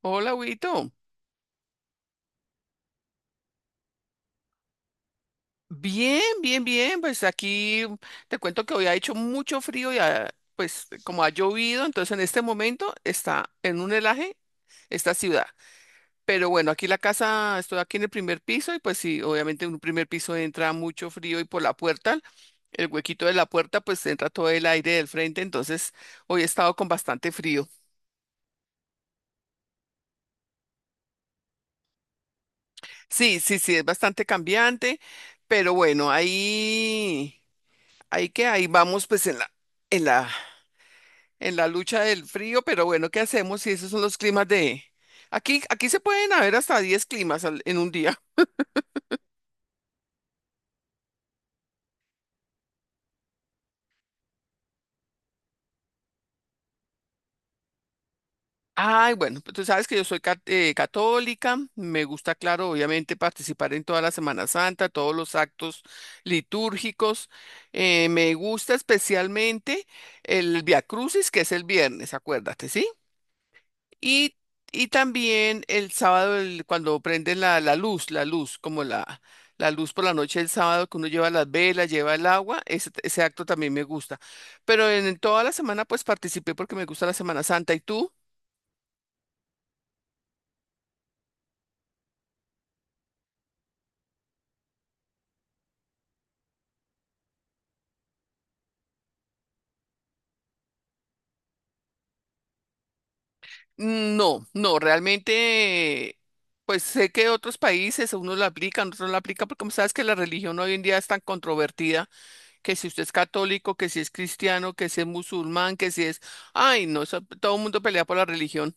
Hola, Huguito. Bien, bien, bien. Pues aquí te cuento que hoy ha hecho mucho frío y pues como ha llovido, entonces en este momento está en un helaje esta ciudad. Pero bueno, aquí la casa, estoy aquí en el primer piso y pues sí, obviamente en un primer piso entra mucho frío y por la puerta, el huequito de la puerta, pues entra todo el aire del frente, entonces hoy he estado con bastante frío. Sí, sí, sí, es bastante cambiante, pero bueno, ahí que ahí vamos pues en la, en la en la lucha del frío, pero bueno, ¿qué hacemos si esos son los climas de... Aquí se pueden haber hasta 10 climas en un día. Ay, bueno, pues tú sabes que yo soy católica, me gusta, claro, obviamente participar en toda la Semana Santa, todos los actos litúrgicos. Me gusta especialmente el Via Crucis, que es el viernes, acuérdate, ¿sí? Y, y también el sábado, cuando prenden la luz, la luz, como la luz por la noche del sábado, que uno lleva las velas, lleva el agua, ese acto también me gusta. Pero en toda la semana, pues participé porque me gusta la Semana Santa. ¿Y tú? No, no, realmente, pues sé que otros países, unos la aplican, otros no la aplican, porque como sabes que la religión hoy en día es tan controvertida, que si usted es católico, que si es cristiano, que si es musulmán, que si es... Ay, no, eso- todo el mundo pelea por la religión.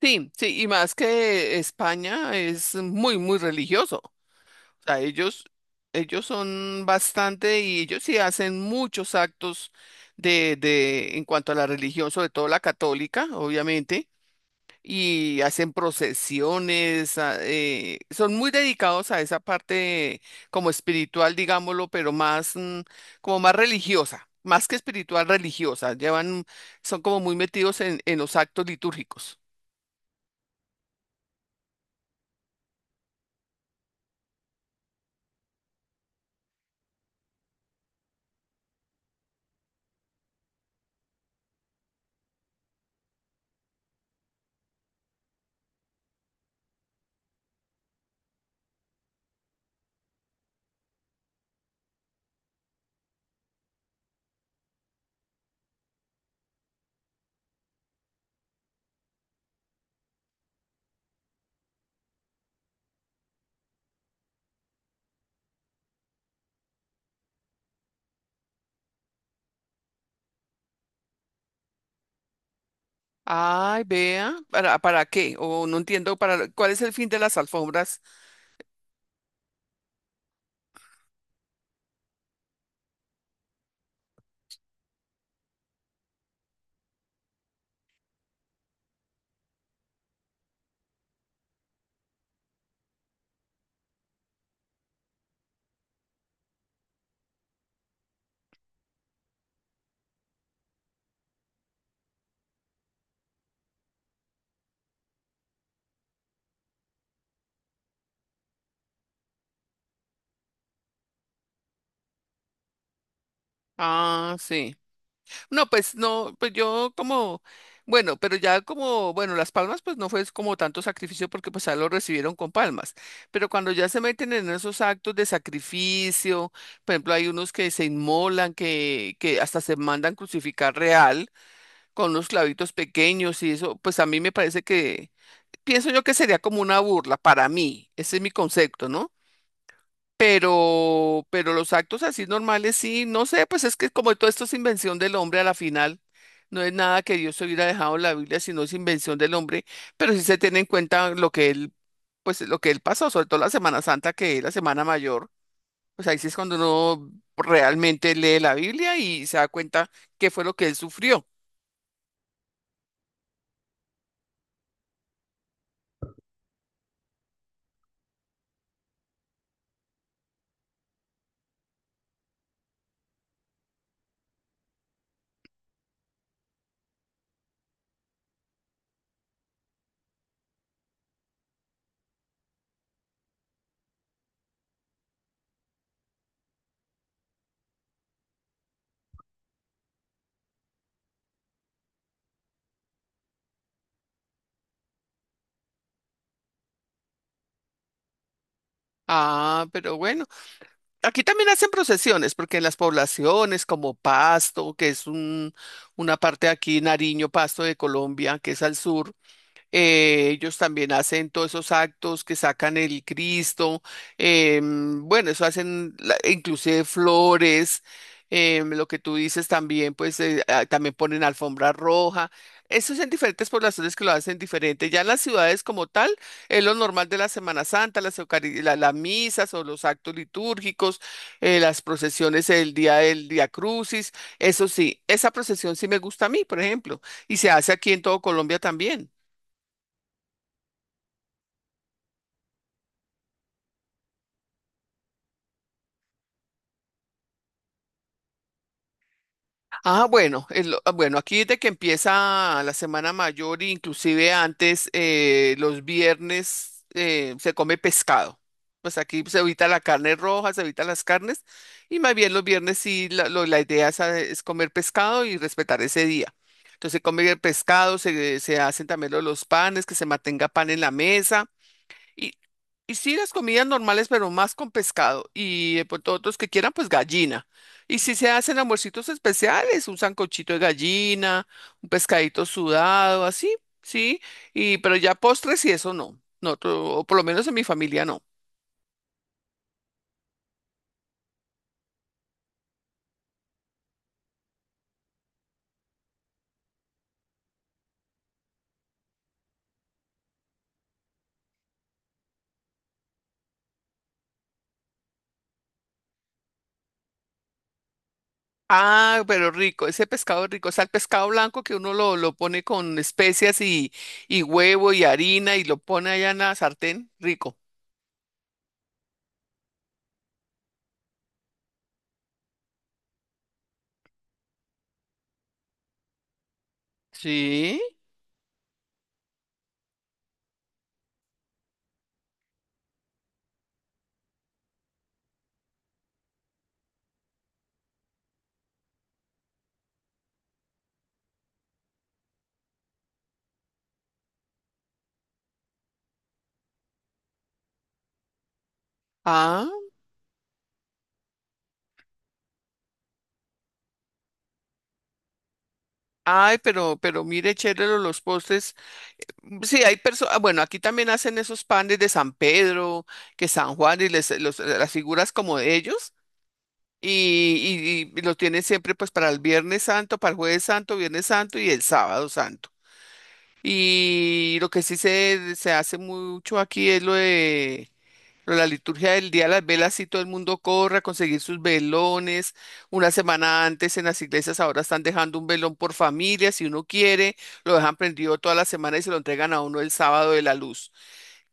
Sí, sí, y más que España es muy, muy religioso. O sea, ellos, son bastante y ellos sí hacen muchos actos en cuanto a la religión, sobre todo la católica, obviamente, y hacen procesiones, son muy dedicados a esa parte como espiritual, digámoslo, pero más, como más religiosa, más que espiritual, religiosa. Llevan, son como muy metidos en, los actos litúrgicos. Ay, vea, ¿para qué? O no entiendo para cuál es el fin de las alfombras. Ah, sí. No, pues no, pues yo como, bueno, pero ya como, bueno, las palmas pues no fue como tanto sacrificio porque pues ya lo recibieron con palmas. Pero cuando ya se meten en esos actos de sacrificio, por ejemplo, hay unos que se inmolan, que, hasta se mandan crucificar real con unos clavitos pequeños y eso, pues a mí me parece que, pienso yo que sería como una burla para mí. Ese es mi concepto, ¿no? pero los actos así normales sí, no sé, pues es que como todo esto es invención del hombre a la final, no es nada que Dios hubiera dejado en la Biblia, sino es invención del hombre, pero sí se tiene en cuenta lo que él, pues lo que él pasó, sobre todo la Semana Santa, que es la Semana Mayor, pues ahí sí es cuando uno realmente lee la Biblia y se da cuenta qué fue lo que él sufrió. Ah, pero bueno. Aquí también hacen procesiones, porque en las poblaciones como Pasto, que es un, una parte de aquí, Nariño, Pasto de Colombia, que es al sur, ellos también hacen todos esos actos que sacan el Cristo, bueno, eso hacen inclusive flores, lo que tú dices también, pues también ponen alfombra roja. Eso es en diferentes poblaciones que lo hacen diferente. Ya en las ciudades como tal, es lo normal de la Semana Santa, las misas o los actos litúrgicos, las procesiones el día del Día Crucis. Eso sí, esa procesión sí me gusta a mí, por ejemplo, y se hace aquí en todo Colombia también. Ah, bueno, aquí desde que empieza la Semana Mayor, inclusive antes, los viernes se come pescado. Pues aquí se evita la carne roja, se evita las carnes, y más bien los viernes sí, la idea es, a- es comer pescado y respetar ese día. Entonces se come el pescado, se hacen también los panes, que se mantenga pan en la mesa. Y, y sí, las comidas normales, pero más con pescado. Y pues todos los que quieran, pues gallina. Y si se hacen almuercitos especiales, un sancochito de gallina, un pescadito sudado, así, sí. Y pero ya postres y eso no. No, o por lo menos en mi familia no. Ah, pero rico, ese pescado rico, o sea, el pescado blanco que uno lo, pone con especias y huevo y harina y lo pone allá en la sartén, rico. Sí. Ah, ay, pero mire, chévere los postres. Mm, sí, hay personas, bueno, aquí también hacen esos panes de San Pedro, que San Juan y las figuras como de ellos y, y lo tienen siempre pues para el Viernes Santo, para el Jueves Santo, Viernes Santo y el Sábado Santo. Y lo que sí se hace mucho aquí es lo de pero la liturgia del día de las velas, sí, todo el mundo corre a conseguir sus velones. Una semana antes en las iglesias ahora están dejando un velón por familia, si uno quiere, lo dejan prendido toda la semana y se lo entregan a uno el sábado de la luz,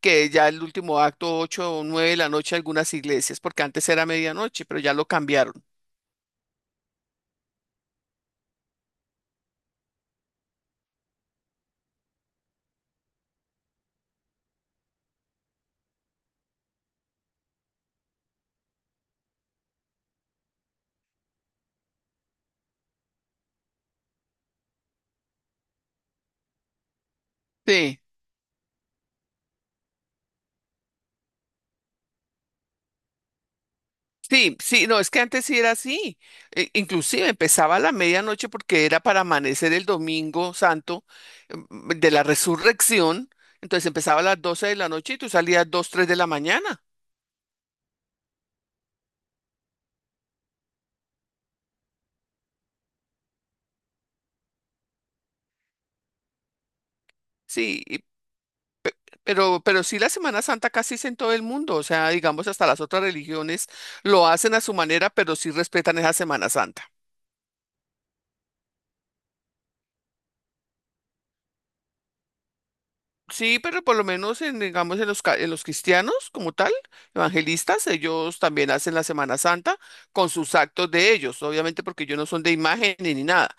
que ya el último acto, 8 o 9 de la noche, algunas iglesias, porque antes era medianoche, pero ya lo cambiaron. Sí. Sí, sí, no, es que antes sí era así. Inclusive empezaba a la medianoche porque era para amanecer el domingo santo de la resurrección. Entonces empezaba a las 12 de la noche y tú salías 2, 3 de la mañana. Sí, pero, sí la Semana Santa casi es en todo el mundo. O sea, digamos, hasta las otras religiones lo hacen a su manera, pero sí respetan esa Semana Santa. Sí, pero por lo menos en, digamos, en los cristianos como tal, evangelistas, ellos también hacen la Semana Santa con sus actos de ellos, obviamente porque ellos no son de imagen ni nada,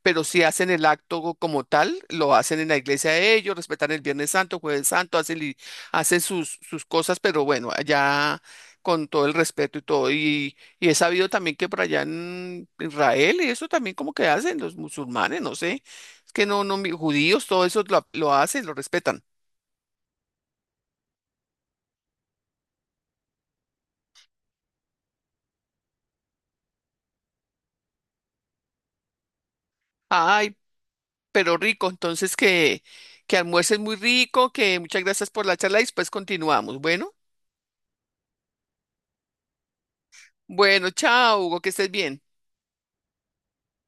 pero si hacen el acto como tal, lo hacen en la iglesia de ellos, respetan el Viernes Santo, Jueves Santo, hacen, hacen sus cosas, pero bueno, allá con todo el respeto y todo. Y he sabido también que por allá en Israel, y eso también como que hacen los musulmanes, no sé, es que no, no, judíos, todo eso lo hacen, lo respetan. Ay, pero rico, entonces que, almuerces muy rico, que muchas gracias por la charla y después continuamos. Bueno, bueno, chao, Hugo, que estés bien.